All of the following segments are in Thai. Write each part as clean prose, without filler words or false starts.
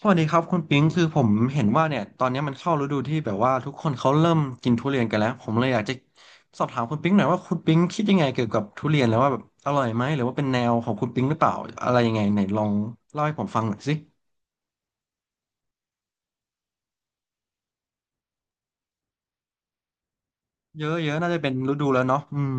สวัสดีครับคุณปิงคือผมเห็นว่าเนี่ยตอนนี้มันเข้าฤดูที่แบบว่าทุกคนเขาเริ่มกินทุเรียนกันแล้วผมเลยอยากจะสอบถามคุณปิงหน่อยว่าคุณปิงคิดยังไงเกี่ยวกับทุเรียนแล้วว่าแบบอร่อยไหมหรือว่าเป็นแนวของคุณปิงหรือเปล่าอะไรยังไงไหนลองเล่าให้ผมฟังหน่อยสิเยอะเยอะน่าจะเป็นฤดูแล้วเนาะอืม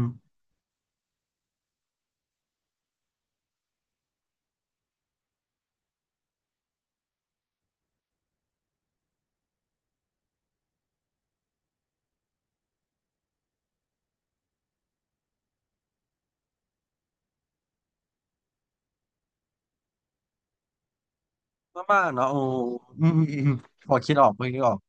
มากๆเนาะโอ้อืมอืมอืมพอคิดออกพอคิดออก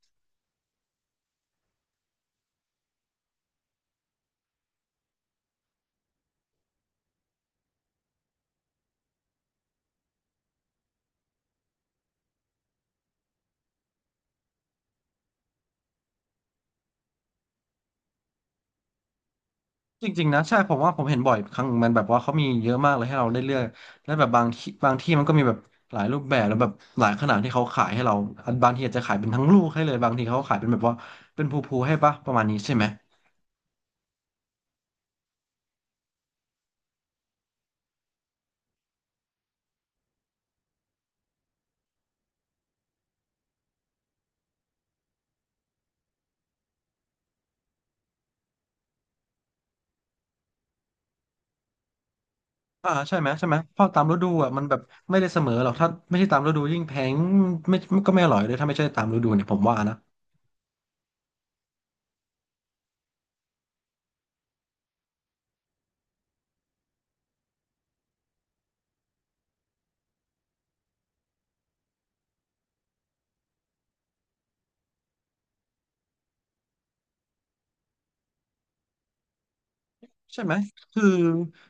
จริงๆนะใช่ผมว่าผมเห็นบ่อยครั้งมันแบบว่าเขามีเยอะมากเลยให้เราได้เลือกและแบบบางที่มันก็มีแบบหลายรูปแบบแล้วแบบหลายขนาดที่เขาขายให้เราอันบางทีอาจจะขายเป็นทั้งลูกให้เลยบางทีเขาขายเป็นแบบว่าเป็นภูๆให้ปะประมาณนี้ใช่ไหมอ่าใช่ไหมเพราะตามฤดูอ่ะมันแบบไม่ได้เสมอหรอกถ้าไม่ใช่ตามฤดูยิ่งแพงไม่ก็ไม่อร่อยเลยถ้าไม่ใช่ตามฤดูเนี่ยผมว่านะ ใช่ไหมคือ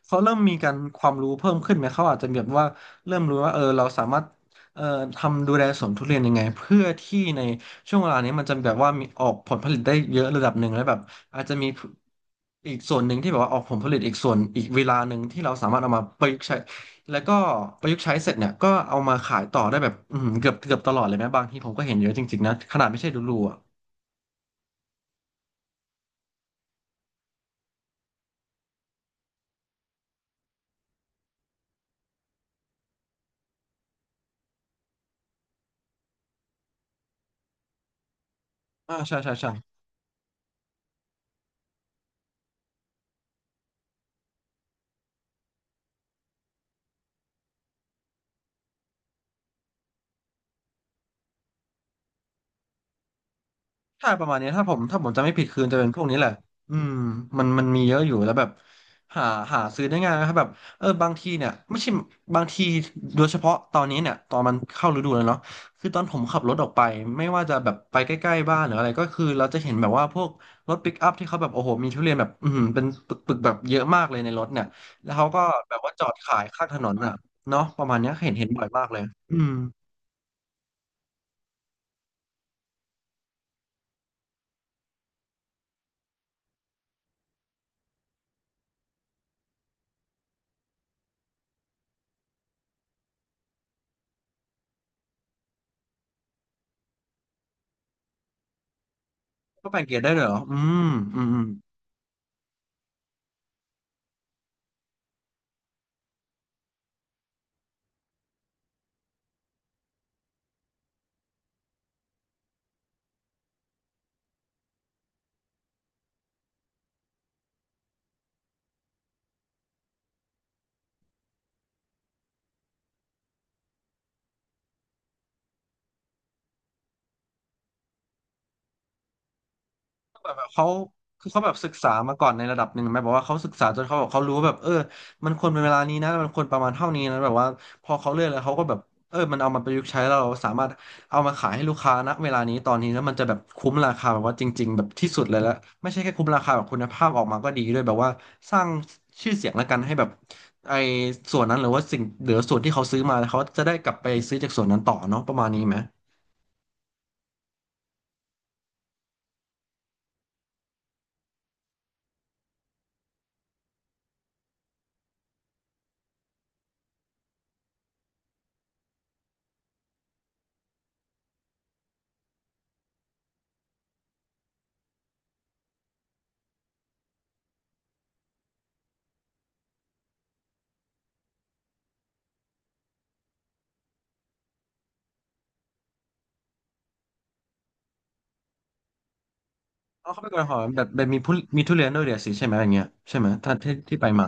เขาเริ่มมีการความรู้เพิ่มขึ้นไหม เขาอาจจะแบบว่าเริ่มรู้ว่าเออเราสามารถเอ่อทำดูแลสวนทุเรียนยังไงเพื่อที่ในช่วงเวลานี้มันจะแบบว่ามีออกผลผลิตได้เยอะระดับหนึ่งแล้วแบบอาจจะมีอีกส่วนหนึ่งที่แบบว่าออกผลผลิตอีกส่วนอีกเวลาหนึ่งที่เราสามารถเอามาประยุกต์ใช้แล้วก็ประยุกต์ใช้เสร็จเนี่ยก็เอามาขายต่อได้แบบอือหือเกือบตลอดเลยไหมบางทีผมก็เห็นเยอะจริงๆนะขนาดไม่ใช่ดูรูอ่ะอ่าใช่ใช่ใช่ ใช่ประมาณนี้ถ้าผมจำไม่ผิดคืนจะเป็นพวกนี้แหละอืมมันมีเยอะอยู่แล้วแบบหาหาซื้อได้ง่ายนะครับแบบเออบางทีเนี่ยไม่ใช่บางทีโดยเฉพาะตอนนี้เนี่ยตอนมันเข้าฤดูแล้วเนาะคือตอนผมขับรถออกไปไม่ว่าจะแบบไปใกล้ๆบ้านหรืออะไรก็คือเราจะเห็นแบบว่าพวกรถปิกอัพที่เขาแบบโอ้โหมีทุเรียนแบบอืมเป็นปึกๆแบบเยอะมากเลยในรถเนี่ยแล้วเขาก็แบบว่าจอดขายข้างถนนอ่ะเนาะประมาณเนี้ยเห็นบ่อยมากเลยอืมก็แบ่งเกรดได้เลยเหรออืมอืมอืม แบบเขาคือเขาแบบศึกษามาก่อนในระดับหนึ่งไหมบอกว่าเขาศึกษาจนเขาแบบเขารู้ว่าแบบเออมันควรเป็นเวลานี้นะมันควรประมาณเท่านี้นะแบบว่าพอเขาเลือกแล้วเขาก็แบบเออมันเอามาประยุกต์ใช้แล้วเราสามารถเอามาขายให้ลูกค้าณเวลานี้ตอนนี้แล้วมันจะแบบคุ้มราคาแบบว่าจริงๆแบบที่สุดเลยแล้วไม่ใช่แค่คุ้มราคาแบบคุณภาพออกมาก็ดีด้วยแบบว่าสร้างชื่อเสียงแล้วกันให้แบบไอ้ส่วนนั้นหรือว่าสิ่งหรือส่วนที่เขาซื้อมาแล้วเขาจะได้กลับไปซื้อจากส่วนนั้นต่อเนาะประมาณนี้ไหม อ๋อเขาไปกนนหอมแบบมีผู้มีทุเรียนด้วยเดี๋ยวสิใช่ไหมอย่างเงี้ยใช่ไหมท่านที่ไปมา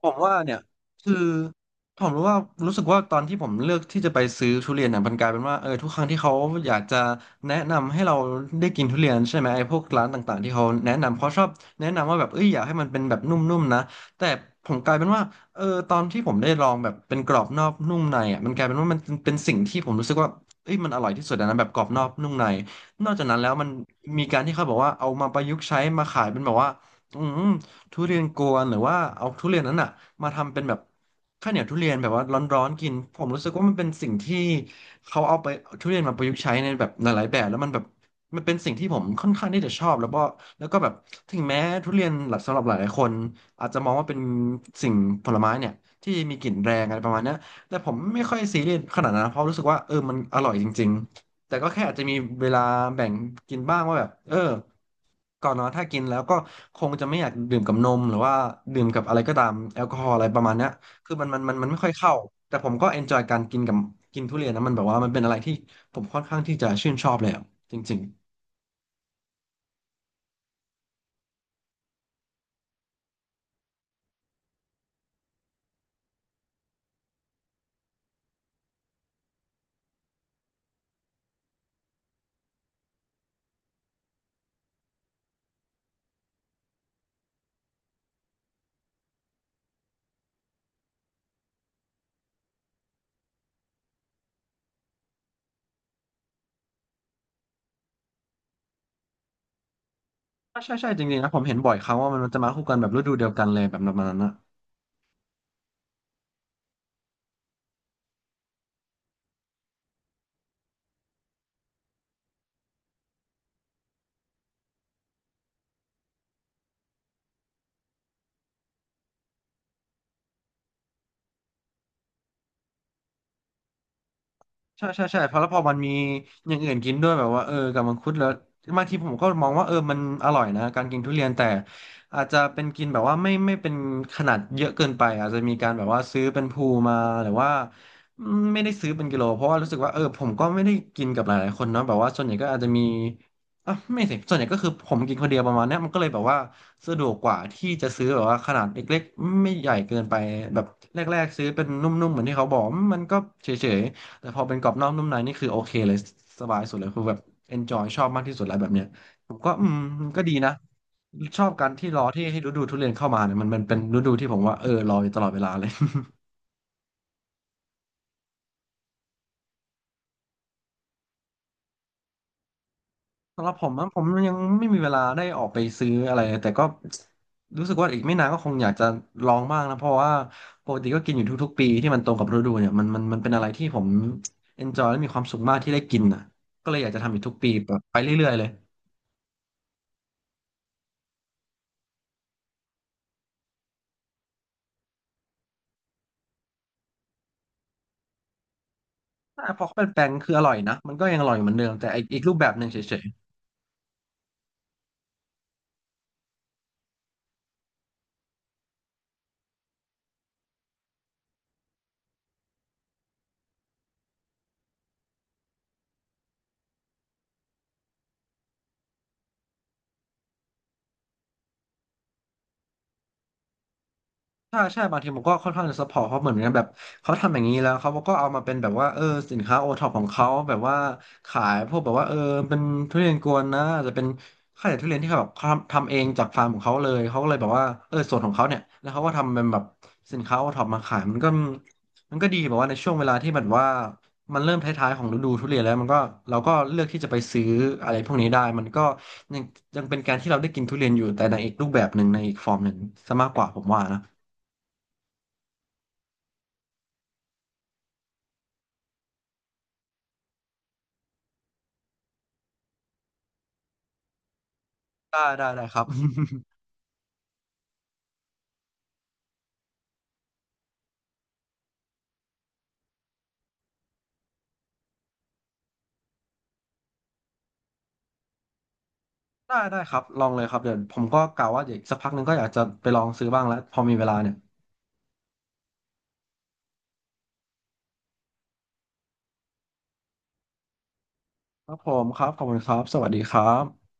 ผมว่าเนี่ยคือผมรู้ว่ารู้สึกว่าตอนที่ผมเลือกที่จะไปซื้อทุเรียนเนี่ยมันกลายเป็นว่าเออทุกครั้งที่เขาอยากจะแนะนำให้เราได้กินทุเรียนใช่ไหมไอ้พวกร้านต่างๆที่เขาแนะนำเขาชอบแนะนำว่าแบบเอ้ยอยากให้มันเป็นแบบนุ่มๆนะแต่ผมกลายเป็นว่าเออตอนที่ผมได้ลองแบบเป็นกรอบนอกนุ่มในอ่ะมันกลายเป็นว่ามันเป็นสิ่งที่ผมรู้สึกว่าเอ้ยมันอร่อยที่สุดอะนะแบบกรอบนอกนุ่มในนอกจากนั้นแล้วมันมีการที่เขาบอกว่าเอามาประยุกต์ใช้มาขายเป็นแบบว่าอืม ทุเรียนกวนหรือว่าเอาทุเรียนนั้นอ่ะมาทำเป็นแบบข้าวเหนียวทุเรียนแบบว่าร้อนๆกินผมรู้สึกว่ามันเป็นสิ่งที่เขาเอาไปทุเรียนมาประยุกต์ใช้ในแบบหลายๆแบบแล้วมันแบบมันเป็นสิ่งที่ผมค่อนข้างที่จะชอบแล้วก็แล้วก็แบบถึงแม้ทุเรียนหลักสำหรับหลายๆคนอาจจะมองว่าเป็นสิ่งผลไม้เนี่ยที่มีกลิ่นแรงอะไรประมาณเนี้ยแต่ผมไม่ค่อยซีเรียสขนาดนั้นนะเพราะรู้สึกว่าเออมันอร่อยจริงๆ แต่ก็แค่อาจจะมีเวลาแบ่งกินบ้างว่าแบบก่อนนอนถ้ากินแล้วก็คงจะไม่อยากดื่มกับนมหรือว่าดื่มกับอะไรก็ตามแอลกอฮอล์อะไรประมาณเนี้ยคือมันไม่ค่อยเข้าแต่ผมก็เอนจอยการกินกับกินทุเรียนนะมันแบบว่ามันเป็นอะไรที่ผมค่อนข้างที่จะชื่นชอบเลยอะจริงๆใช่ใช่ใช่จริงๆนะผมเห็นบ่อยครั้งว่ามันจะมาคู่กันแบบฤดูเดียวกันเลยแบบประมาณนั้นนะ ใช่ใช่ใช่เพราะแล้วพอมันมีอย่างอื่นกินด้วยแบบว่ากับมังคุดแล้วบางทีผมก็มองว่ามันอร่อยนะการกินทุเรียนแต่อาจจะเป็นกินแบบว่าไม่เป็นขนาดเยอะเกินไปอาจจะมีการแบบว่าซื้อเป็นภูมาหรือว่าไม่ได้ซื้อเป็นกิโลเพราะว่ารู้สึกว่าผมก็ไม่ได้กินกับหลายๆคนเนาะแบบว่าส่วนใหญ่ก็อาจจะมีอ่ะไม่สิส่วนใหญ่ก็คือผมกินคนเดียวประมาณเนี้ยมันก็เลยแบบว่าสะดวกกว่าที่จะซื้อแบบว่าขนาดเล็กๆไม่ใหญ่เกินไปแบบแรกๆซื้อเป็นนุ่มๆเหมือนที่เขาบอกมันก็เฉยๆ แต่พอเป็นกรอบนอกนุ่มในนี่คือโอเคเลยสบายสุดเลยคือแบบ enjoy ชอบมากที่สุดแล้วแบบเนี้ยผมก็มันก็ดีนะชอบการที่รอที่ให้ฤดูทุเรียนเข้ามาเนี่ยมันเป็นฤดูที่ผมว่ารออยู่ตลอดเวลาเลย สำหรับผมนะผมยังไม่มีเวลาได้ออกไปซื้ออะไรแต่ก็รู้สึกว่าอีกไม่นานก็คงอยากจะลองบ้างนะเพราะว่าปกติก็กินอยู่ทุกๆปีที่มันตรงกับฤดูเนี่ยมันเป็นอะไรที่ผม enjoy และมีความสุขมากที่ได้กินอ่ะก็เลยอยากจะทำอีกทุกปีแบบไปเรื่อยๆเลย อ่ะพอเขาเป็นแปลงคืออร่อยนะมันก็ยังอร่อยเหมือนเดิมแต่อีกรูปแบบหนึ่งเฉย ใช่ใช่บางทีผมก็ค่อนข้างจะซัพพอร์ตเขาเหมือนกันแบบเขาทำอย่างนี้แล้วเขาก็เอามาเป็นแบบว่าสินค้าโอท็อปของเขาแบบว่าขายพวกแบบว่าเป็นทุเรียนกวนนะอาจจะเป็นข้าวเหนียวทุเรียนที่เขาแบบเขาทำเองจากฟาร์มของเขาเลยเขาก็เลยแบบว่าส่วนของเขาเนี่ยแล้วเขาก็ทำเป็นแบบสินค้าโอท็อปมาขายมันก็ดีแบบว่าในช่วงเวลาที่แบบว่ามันเริ่มท้ายๆของฤดูทุเรียนแล้วมันก็เราก็เลือกที่จะไปซื้ออะไรพวกนี้ได้มันก็ยังยังเป็นการที่เราได้กินทุเรียนอยู่แต่ในอีกรูปแบบหนึ่งในอีกฟอร์มหนึ่งซะมากกว่าผมว่านะ ได้ได้ได้ครับ ได้ได้ครับลองเลยครับเดี๋ยวผมก็กะว่าเดี๋ยวอีกสักพักหนึงก็อยากจะไปลองซื้อบ้างแล้วพอมีเวลาเนี่ยครับผมครับขอบคุณครับสวัสดีครับ